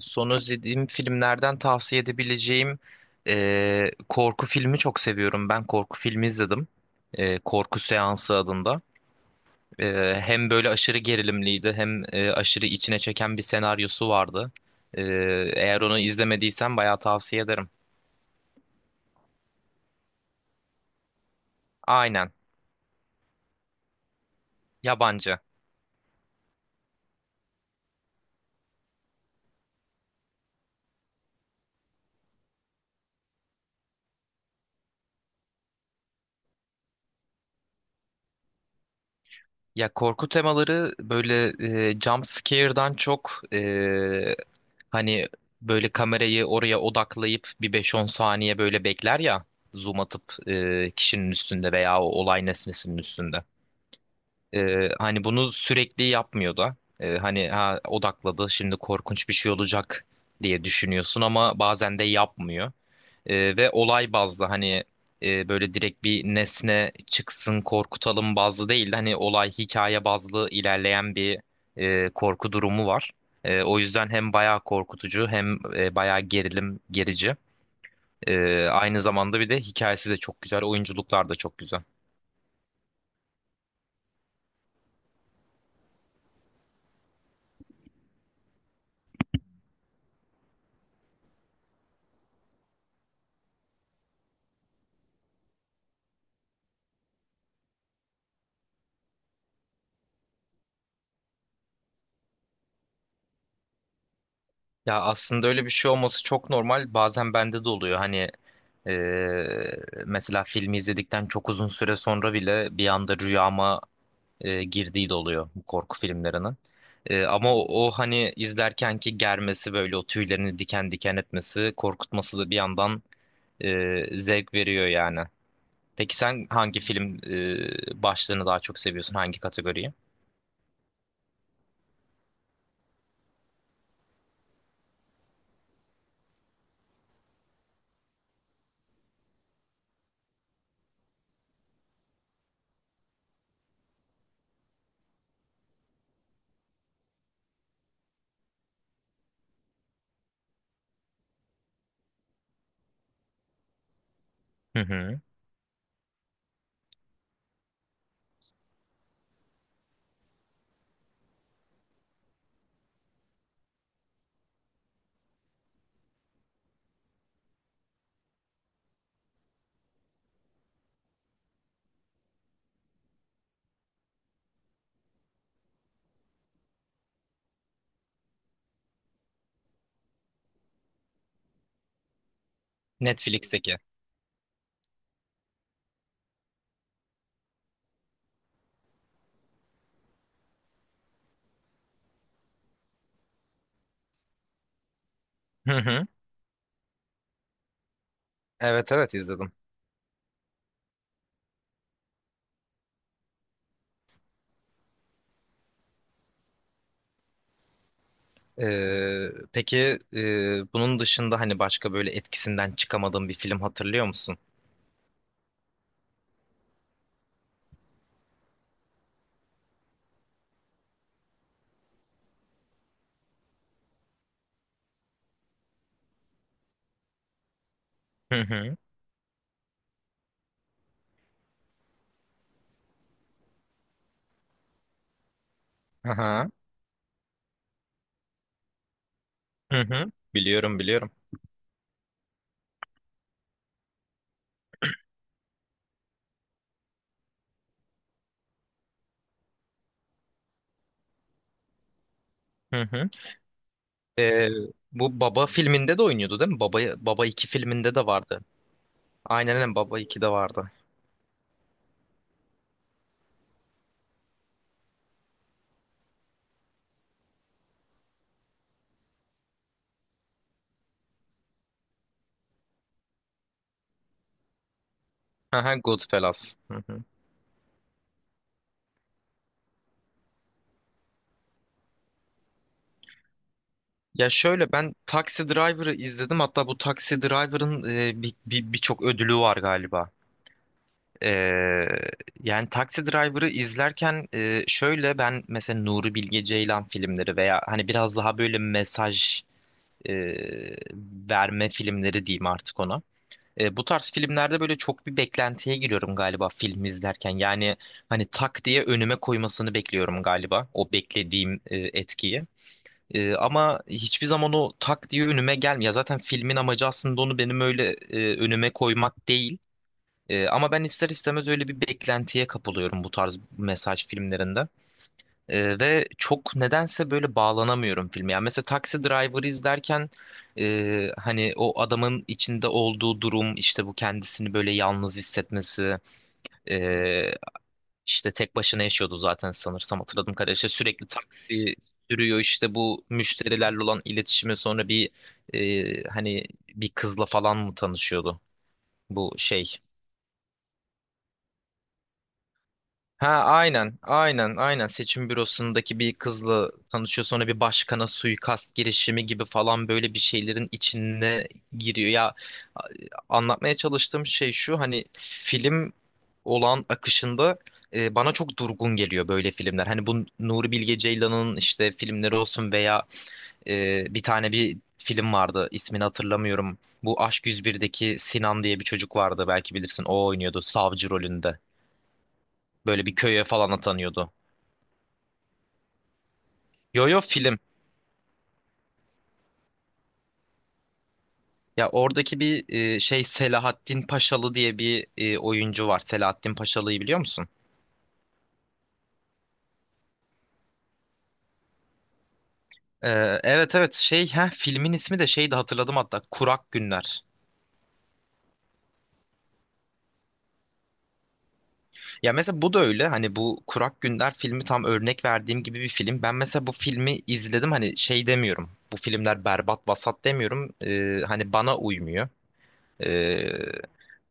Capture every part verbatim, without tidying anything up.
Son izlediğim filmlerden tavsiye edebileceğim e, korku filmi çok seviyorum. Ben korku filmi izledim. E, Korku Seansı adında. E, Hem böyle aşırı gerilimliydi hem e, aşırı içine çeken bir senaryosu vardı. E, Eğer onu izlemediysen bayağı tavsiye ederim. Aynen. Yabancı. Ya korku temaları böyle e, jump scare'dan çok e, hani böyle kamerayı oraya odaklayıp bir beş-on saniye böyle bekler ya, zoom atıp e, kişinin üstünde veya o olay nesnesinin üstünde. E, hani bunu sürekli yapmıyor da. E, hani ha, odakladı, şimdi korkunç bir şey olacak diye düşünüyorsun, ama bazen de yapmıyor. Ee, ve olay bazlı, hani e, böyle direkt bir nesne çıksın korkutalım bazlı değil, hani olay, hikaye bazlı ilerleyen bir e, korku durumu var. E, o yüzden hem bayağı korkutucu hem e, bayağı gerilim gerici. E, aynı zamanda bir de hikayesi de çok güzel, oyunculuklar da çok güzel. Ya aslında öyle bir şey olması çok normal. Bazen bende de oluyor. Hani e, mesela filmi izledikten çok uzun süre sonra bile bir anda rüyama e, girdiği de oluyor bu korku filmlerinin. E, ama o, o hani izlerkenki germesi, böyle o tüylerini diken diken etmesi, korkutması da bir yandan e, zevk veriyor yani. Peki sen hangi film e, başlığını daha çok seviyorsun? Hangi kategoriyi? Hı hı. Netflix'teki. Hı hı. Evet, evet izledim. E, peki e, bunun dışında hani başka böyle etkisinden çıkamadığın bir film hatırlıyor musun? Hı hı. Aha. Hı hı. Biliyorum, biliyorum. Hı hı. Ee, Bu Baba filminde de oynuyordu değil mi? Baba, Baba iki filminde de vardı. Aynen, aynen Baba ikide vardı. Aha, Goodfellas. Hı hı. Ya şöyle ben Taxi Driver'ı izledim. Hatta bu Taxi Driver'ın e, bir, bir, birçok ödülü var galiba. Ee, Yani Taxi Driver'ı izlerken e, şöyle ben mesela Nuri Bilge Ceylan filmleri veya hani biraz daha böyle mesaj e, verme filmleri diyeyim artık ona. E, bu tarz filmlerde böyle çok bir beklentiye giriyorum galiba film izlerken. Yani hani tak diye önüme koymasını bekliyorum galiba. O beklediğim e, etkiyi. E, ama hiçbir zaman o tak diye önüme gelmiyor. Ya zaten filmin amacı aslında onu benim öyle e, önüme koymak değil. E, ama ben ister istemez öyle bir beklentiye kapılıyorum bu tarz mesaj filmlerinde. Ee, ve çok nedense böyle bağlanamıyorum filme. Yani mesela Taxi Driver izlerken e, hani o adamın içinde olduğu durum, işte bu kendisini böyle yalnız hissetmesi, e, işte tek başına yaşıyordu zaten sanırsam, hatırladım kadarıyla. İşte sürekli taksi sürüyor, işte bu müşterilerle olan iletişimi, sonra bir e, hani bir kızla falan mı tanışıyordu bu şey. Ha, aynen, aynen, aynen, seçim bürosundaki bir kızla tanışıyor, sonra bir başkana suikast girişimi gibi falan, böyle bir şeylerin içine giriyor. Ya a- Anlatmaya çalıştığım şey şu, hani film olan akışında e, bana çok durgun geliyor böyle filmler. Hani bu Nuri Bilge Ceylan'ın işte filmleri olsun veya e, bir tane bir film vardı, ismini hatırlamıyorum. Bu Aşk yüz birdeki Sinan diye bir çocuk vardı, belki bilirsin, o oynuyordu savcı rolünde. Böyle bir köye falan atanıyordu. Yo yo, film. Ya oradaki bir e, şey, Selahattin Paşalı diye bir e, oyuncu var. Selahattin Paşalı'yı biliyor musun? Ee, evet, evet şey, ha, filmin ismi de şeydi, hatırladım hatta, Kurak Günler. Ya mesela bu da öyle, hani bu Kurak Günler filmi tam örnek verdiğim gibi bir film. Ben mesela bu filmi izledim, hani şey demiyorum. Bu filmler berbat, vasat demiyorum. Ee, hani bana uymuyor. Ee,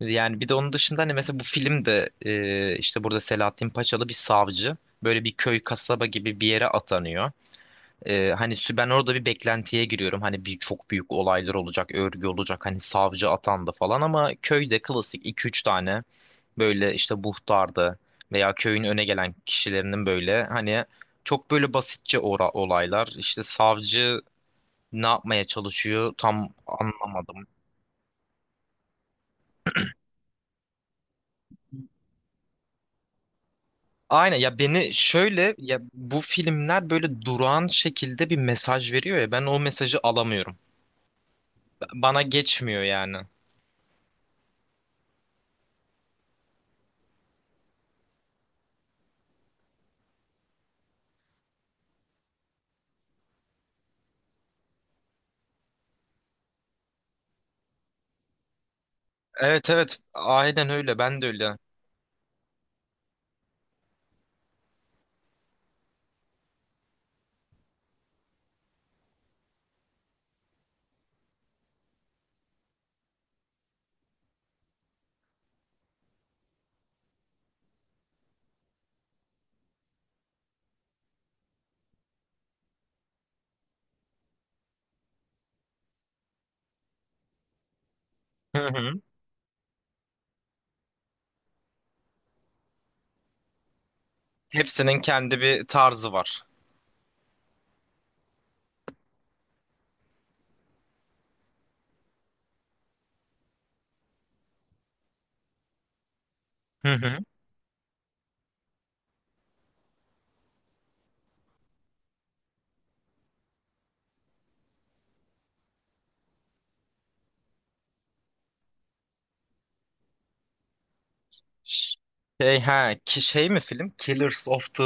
Yani bir de onun dışında hani mesela bu filmde e, işte burada Selahattin Paçalı bir savcı. Böyle bir köy, kasaba gibi bir yere atanıyor. Ee, hani sü- ben orada bir beklentiye giriyorum. Hani bir çok büyük olaylar olacak, örgü olacak. Hani savcı atandı falan, ama köyde klasik iki üç tane böyle işte muhtardı veya köyün öne gelen kişilerinin böyle, hani çok böyle basitçe ora olaylar. İşte savcı ne yapmaya çalışıyor tam anlamadım. Aynen ya, beni şöyle, ya bu filmler böyle durağan şekilde bir mesaj veriyor, ya ben o mesajı alamıyorum. Bana geçmiyor yani. Evet, evet, aynen öyle, ben de öyle. Hı hı. Hepsinin kendi bir tarzı var. Hı hı. Şey, ha ki şey mi film? Killers of the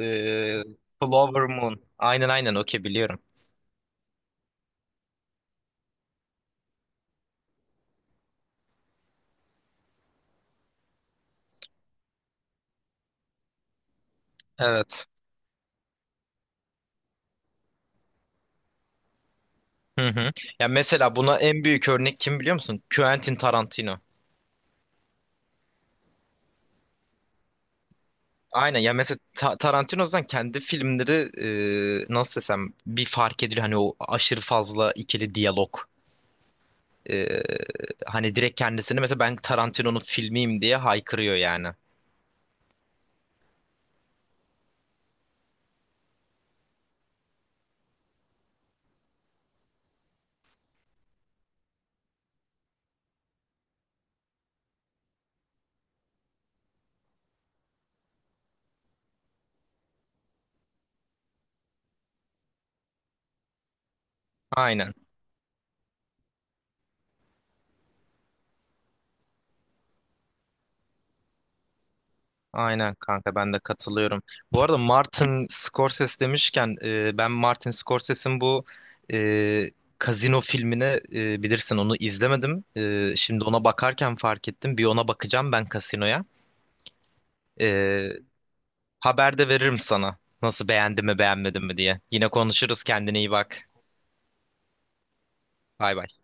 e, Flower Moon. Aynen, aynen, okey, biliyorum. Evet. Hı hı. Ya mesela buna en büyük örnek kim biliyor musun? Quentin Tarantino. Aynen ya, mesela Ta- Tarantino'dan kendi filmleri e, nasıl desem, bir fark ediliyor, hani o aşırı fazla ikili diyalog. E, Hani direkt kendisini, mesela ben Tarantino'nun filmiyim diye haykırıyor yani. Aynen. Aynen kanka, ben de katılıyorum. Bu arada Martin Scorsese demişken, e, ben Martin Scorsese'in bu e, Casino filmini e, bilirsin, onu izlemedim. E, şimdi ona bakarken fark ettim. Bir ona bakacağım ben, Casino'ya. Haber de veririm sana. Nasıl, beğendi mi beğenmedi mi diye. Yine konuşuruz, kendine iyi bak. Bay bay.